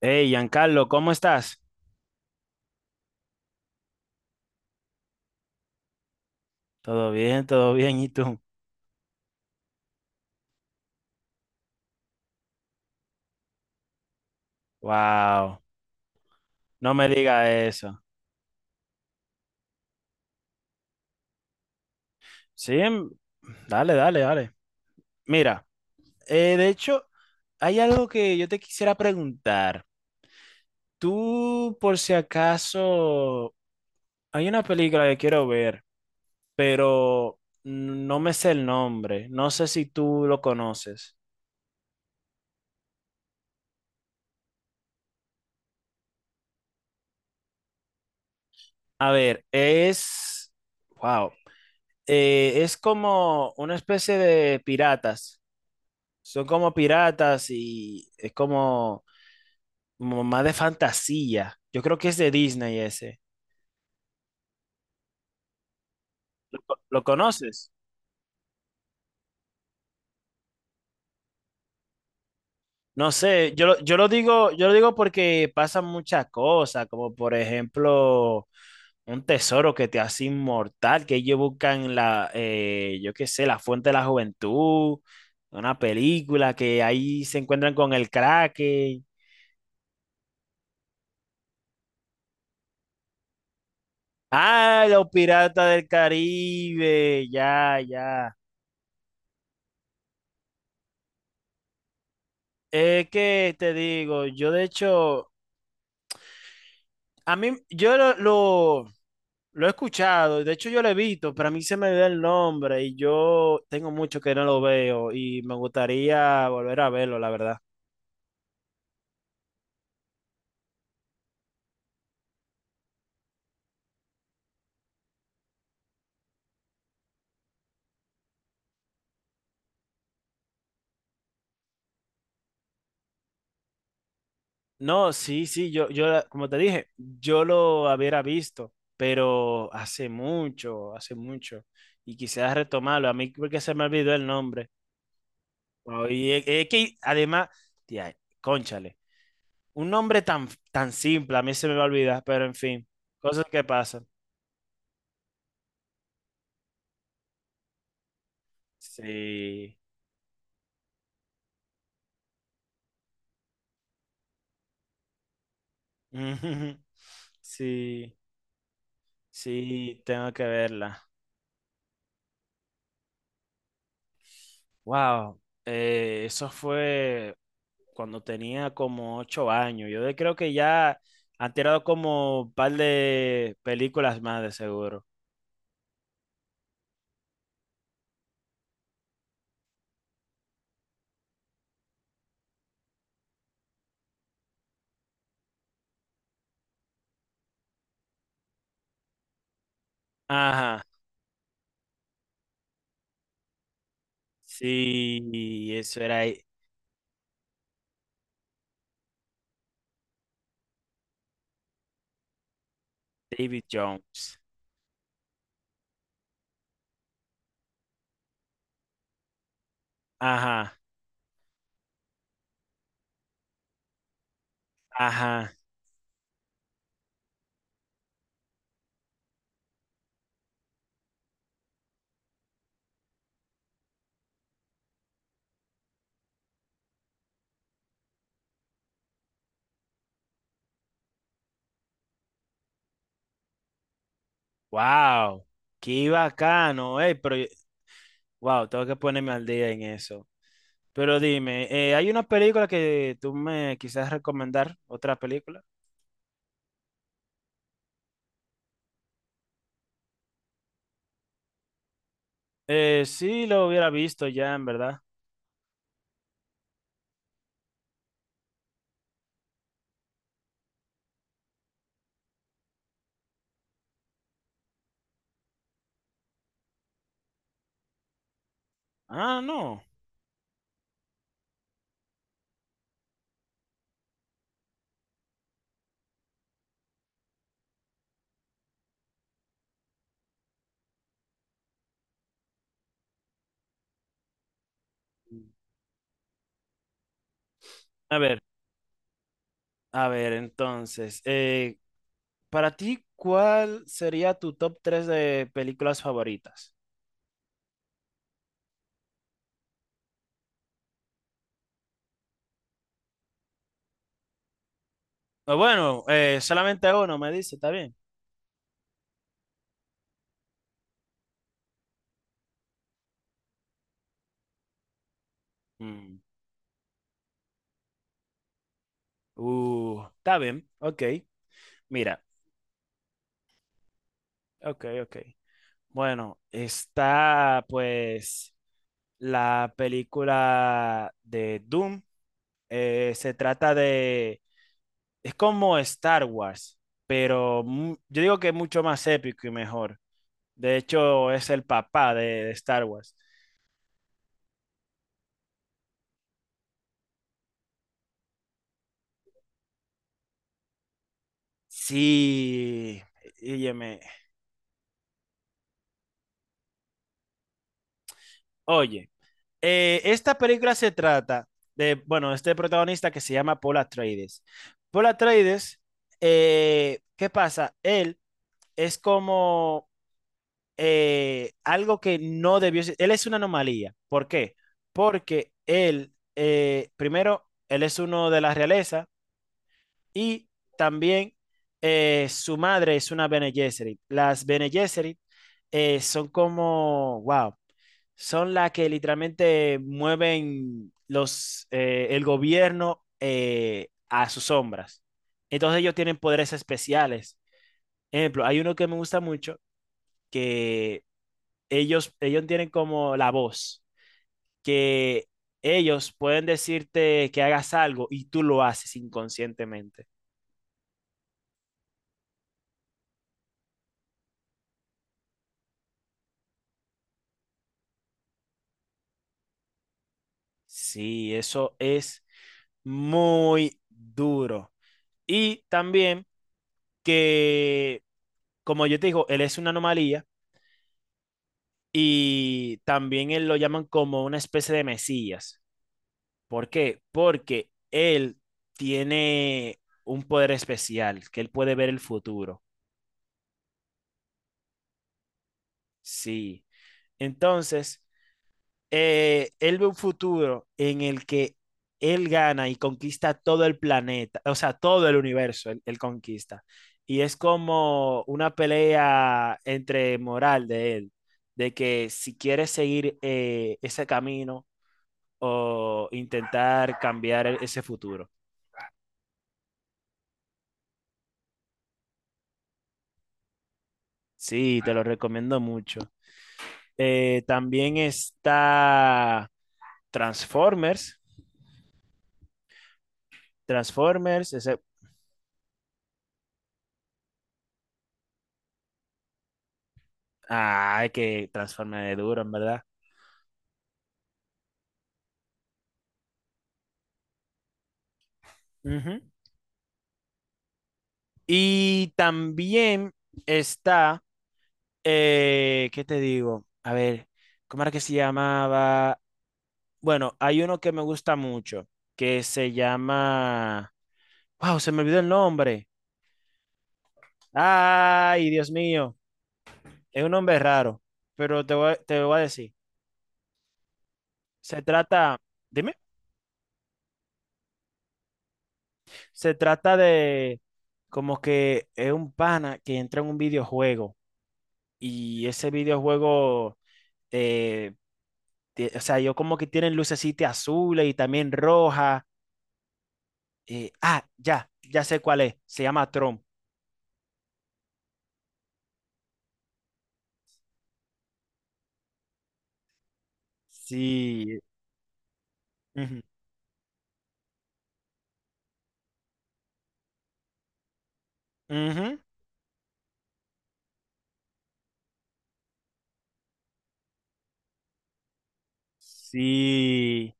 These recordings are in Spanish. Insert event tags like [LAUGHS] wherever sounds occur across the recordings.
Hey, Giancarlo, ¿cómo estás? Todo bien, ¿y tú? Wow, no me digas eso. Sí, dale, dale, dale. Mira, de hecho, hay algo que yo te quisiera preguntar. Tú, por si acaso, hay una película que quiero ver, pero no me sé el nombre. No sé si tú lo conoces. A ver, es... Wow. Es como una especie de piratas. Son como piratas y es como más de fantasía. Yo creo que es de Disney ese. ¿Lo conoces? No sé, yo, yo lo digo porque pasan muchas cosas, como por ejemplo un tesoro que te hace inmortal, que ellos buscan la, yo qué sé, la fuente de la juventud, una película que ahí se encuentran con el Kraken. Ah, los piratas del Caribe, ya, ya. Es que te digo, yo de hecho, a mí, yo lo he escuchado, y de hecho yo lo he visto, pero a mí se me da el nombre y yo tengo mucho que no lo veo y me gustaría volver a verlo, la verdad. No, sí, sí, yo, yo como te dije, yo lo hubiera visto, pero hace mucho, y quisiera retomarlo, a mí porque se me olvidó el nombre. Oh, y es que además, tía, cónchale. Un nombre tan, tan simple, a mí se me va a olvidar, pero en fin, cosas que pasan. Sí. [LAUGHS] Sí, sí, tengo que verla. Wow, eso fue cuando tenía como 8 años. Yo creo que ya han tirado como un par de películas más de seguro. Ajá, sí, eso era David Jones. Ajá, ajá. Wow, qué bacano, pero wow, tengo que ponerme al día en eso. Pero dime, ¿hay una película que tú me quisieras recomendar? ¿Otra película? Sí, lo hubiera visto ya, en verdad. Ah, no. A ver, a ver, entonces, para ti, ¿cuál sería tu top 3 de películas favoritas? O bueno, solamente uno me dice, ¿está bien? Mm, está bien, ok. Mira, ok, ok. Bueno, está pues... la película de Doom. Se trata de... Es como Star Wars, pero yo digo que es mucho más épico y mejor. De hecho, es el papá de Star Wars. Sí, óyeme. Oye, esta película se trata de, bueno, este protagonista que se llama Paul Atreides. Paul Atreides, ¿qué pasa? Él es como algo que no debió ser. Él es una anomalía. ¿Por qué? Porque él, primero, él es uno de la realeza y también su madre es una Bene Gesserit. Las Bene Gesserit son como, wow, son las que literalmente mueven los, el gobierno a sus sombras. Entonces ellos tienen poderes especiales. Ejemplo, hay uno que me gusta mucho, que ellos tienen como la voz, que ellos pueden decirte que hagas algo y tú lo haces inconscientemente. Sí, eso es muy duro. Y también que, como yo te digo, él es una anomalía y también él lo llaman como una especie de mesías. ¿Por qué? Porque él tiene un poder especial, que él puede ver el futuro. Sí. Entonces, él ve un futuro en el que él gana y conquista todo el planeta, o sea, todo el universo, él conquista. Y es como una pelea entre moral de él, de que si quiere seguir ese camino o intentar cambiar ese futuro. Sí, te lo recomiendo mucho. También está Transformers. Transformers, ese... Ah, que Transformers es duro, en verdad. Ujú. Y también está, ¿qué te digo? A ver, ¿cómo era que se llamaba? Bueno, hay uno que me gusta mucho, que se llama... ¡Wow! Se me olvidó el nombre. ¡Ay, Dios mío! Es un nombre raro, pero te lo voy a decir. Se trata, dime, se trata de como que es un pana que entra en un videojuego y ese videojuego eh, o sea, yo como que tienen lucecita azules y también roja. Ya, ya sé cuál es. Se llama Tron. Sí. Ujú, ujú, sí,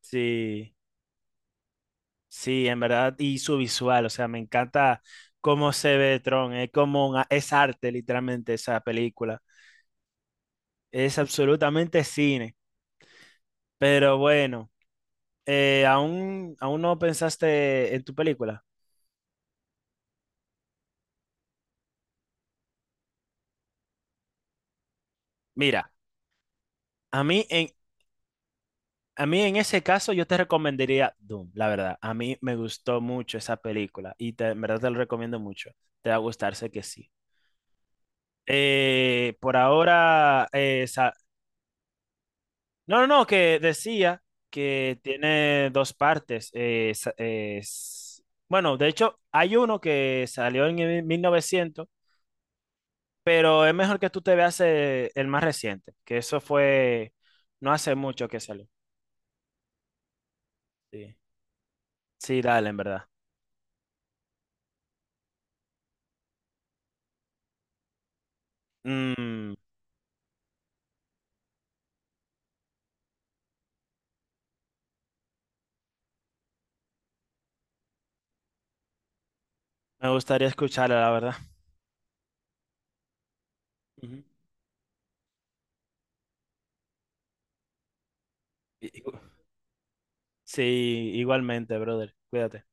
sí, sí, en verdad. Y su visual, o sea, me encanta cómo se ve Tron. Es como es arte, literalmente, esa película. Es absolutamente cine. Pero bueno, ¿aún no pensaste en tu película? Mira, a mí en, a mí en ese caso yo te recomendaría Doom, la verdad. A mí me gustó mucho esa película y en verdad te lo recomiendo mucho. Te va a gustar, sé que sí. Por ahora, no, no, no, que decía que tiene 2 partes. Bueno de hecho, hay uno que salió en el 1900, pero es mejor que tú te veas el más reciente, que eso fue no hace mucho que salió. Sí, sí, dale, en verdad. Mm, Me gustaría escucharla, la verdad. Ujú. I- igu- Sí, igualmente, brother. Cuídate.